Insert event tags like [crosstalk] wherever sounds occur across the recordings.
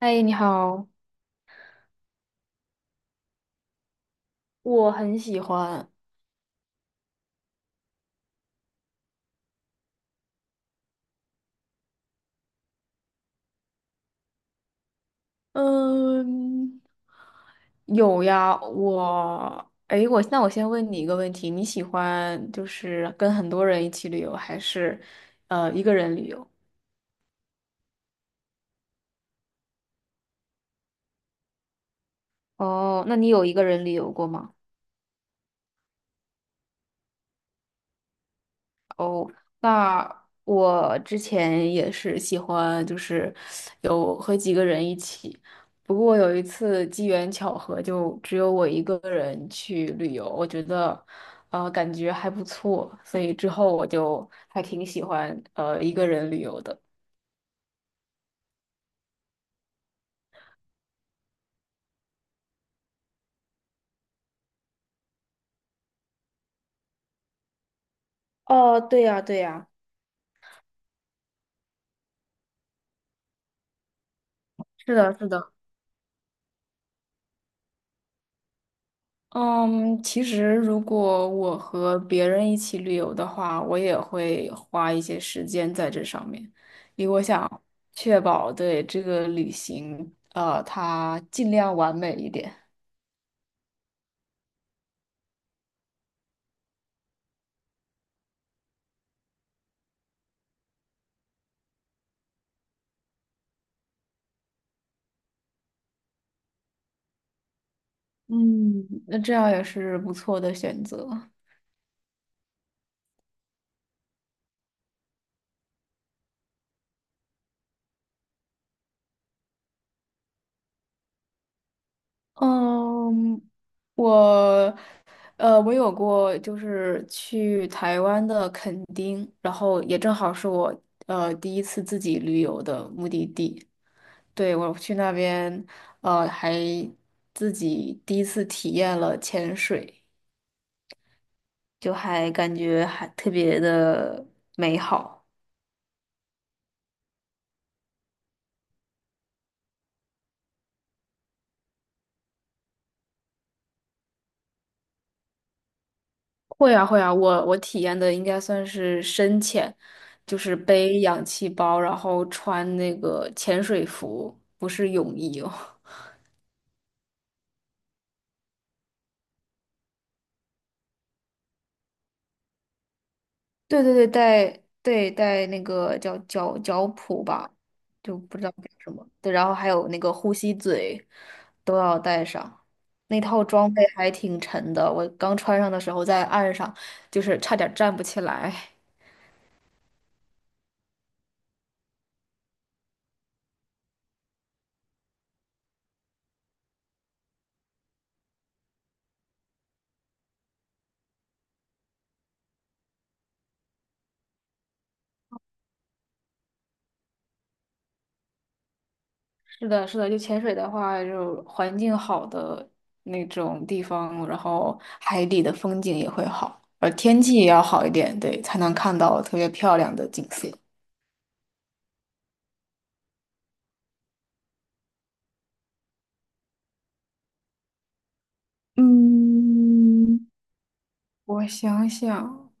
嗨，你好，我很喜欢。嗯，有呀，我，哎，我那我先问你一个问题，你喜欢就是跟很多人一起旅游，还是一个人旅游？哦，那你有一个人旅游过吗？那我之前也是喜欢，就是有和几个人一起。不过有一次机缘巧合，就只有我一个人去旅游，我觉得，感觉还不错，所以之后我就还挺喜欢，一个人旅游的。哦，对呀，对呀。是的，是的。嗯，其实如果我和别人一起旅游的话，我也会花一些时间在这上面，因为我想确保对这个旅行，它尽量完美一点。嗯，那这样也是不错的选择。嗯，我，我有过就是去台湾的垦丁，然后也正好是我第一次自己旅游的目的地。对，我去那边，呃，还自己第一次体验了潜水，就还感觉还特别的美好。会啊，会啊，我体验的应该算是深潜，就是背氧气包，然后穿那个潜水服，不是泳衣哦。对对对，带对带那个叫脚蹼吧，就不知道叫什么。对，然后还有那个呼吸嘴都要带上。那套装备还挺沉的，我刚穿上的时候在岸上就是差点站不起来。[laughs] 是的，是的，就潜水的话，就环境好的那种地方，然后海底的风景也会好，而天气也要好一点，对，才能看到特别漂亮的景色。嗯，我想想，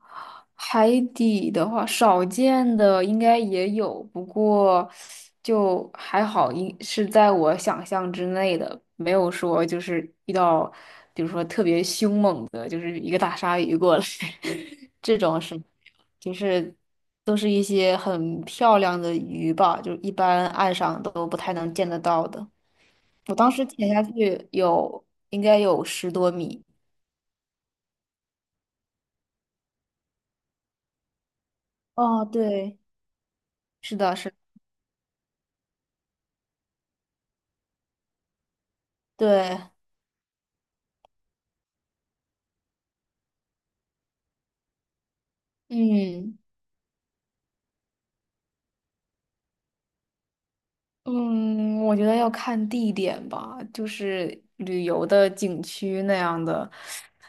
海底的话，少见的应该也有，不过就还好，一是在我想象之内的，没有说就是遇到，比如说特别凶猛的，就是一个大鲨鱼过来，[laughs] 这种是，就是都是一些很漂亮的鱼吧，就一般岸上都不太能见得到的。我当时潜下去有，应该有十多米。哦，对，是的，是的。对，嗯嗯，我觉得要看地点吧，就是旅游的景区那样的，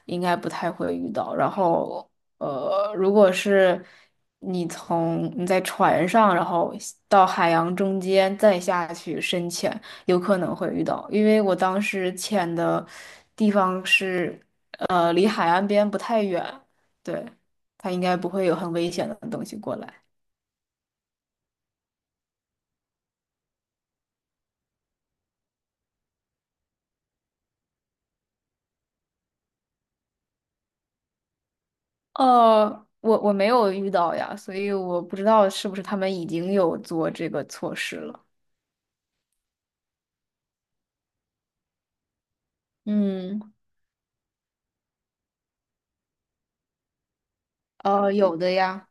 应该不太会遇到。然后，如果是你在船上，然后到海洋中间再下去深潜，有可能会遇到。因为我当时潜的地方是，离海岸边不太远，对，它应该不会有很危险的东西过来。呃，我没有遇到呀，所以我不知道是不是他们已经有做这个措施了。嗯，有的呀。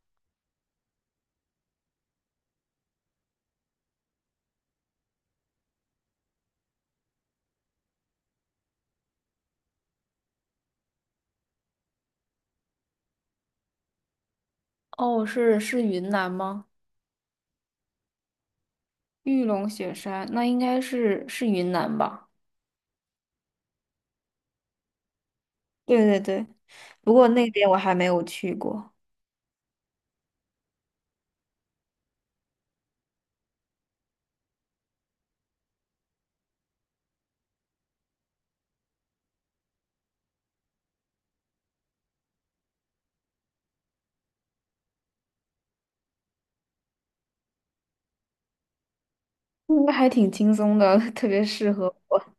哦，是是云南吗？玉龙雪山，那应该是是云南吧？对对对，不过那边我还没有去过。应该还挺轻松的，[laughs] 特别适合我。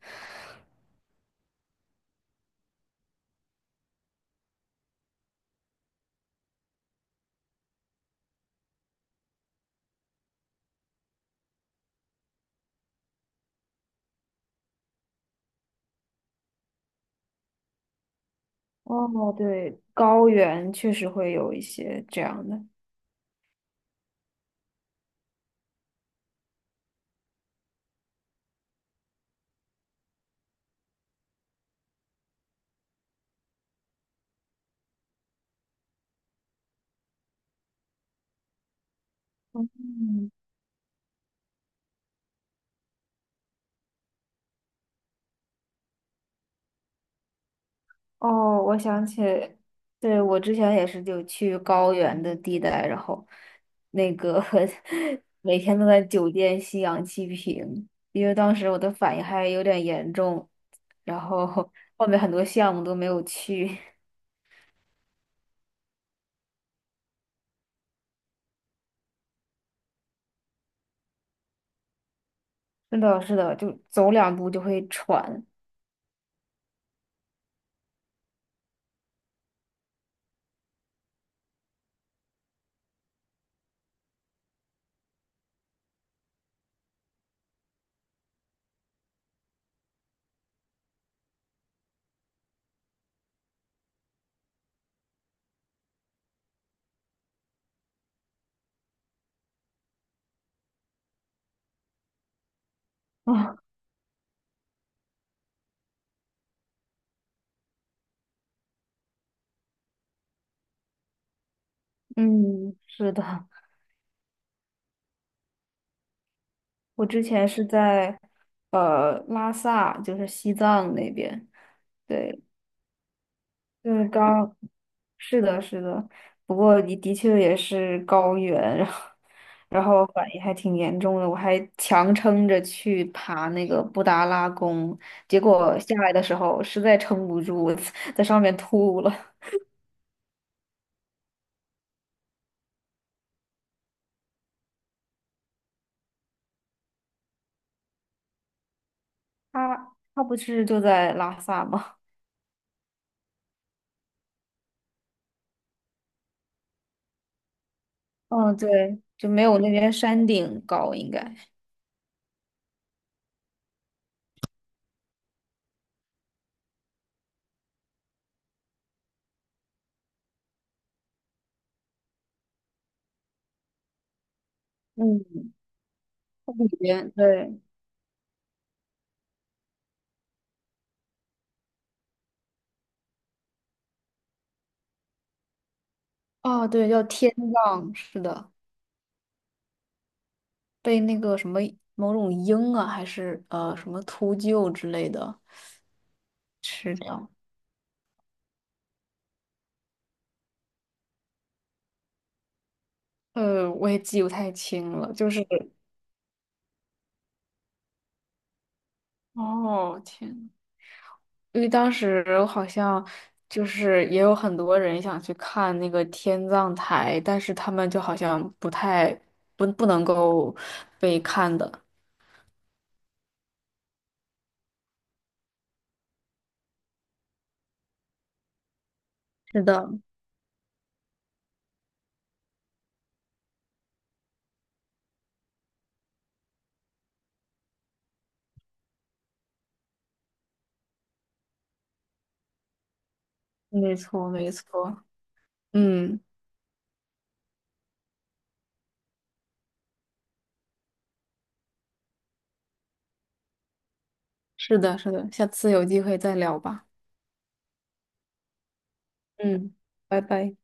哦，对，高原确实会有一些这样的。嗯。哦，我想起，对，我之前也是就去高原的地带，然后那个 [laughs] 每天都在酒店吸氧气瓶，因为当时我的反应还有点严重，然后后面很多项目都没有去。是的，是的，就走两步就会喘啊。嗯，是的，我之前是在拉萨，就是西藏那边，对，就是刚，是的，是的，不过你的确也是高原，然后然后反应还挺严重的，我还强撑着去爬那个布达拉宫，结果下来的时候实在撑不住，我 [laughs] 在上面吐了。他他不是就在拉萨吗？嗯，对，就没有那边山顶高，应该。嗯，它里边对，哦，对，叫天葬，是的。被那个什么某种鹰啊，还是什么秃鹫之类的吃掉。我也记不太清了，就是哦，天呐，因为当时好像就是也有很多人想去看那个天葬台，但是他们就好像不太不能够被看的。是的，没错，没错。嗯，是的，是的，下次有机会再聊吧。嗯，拜拜。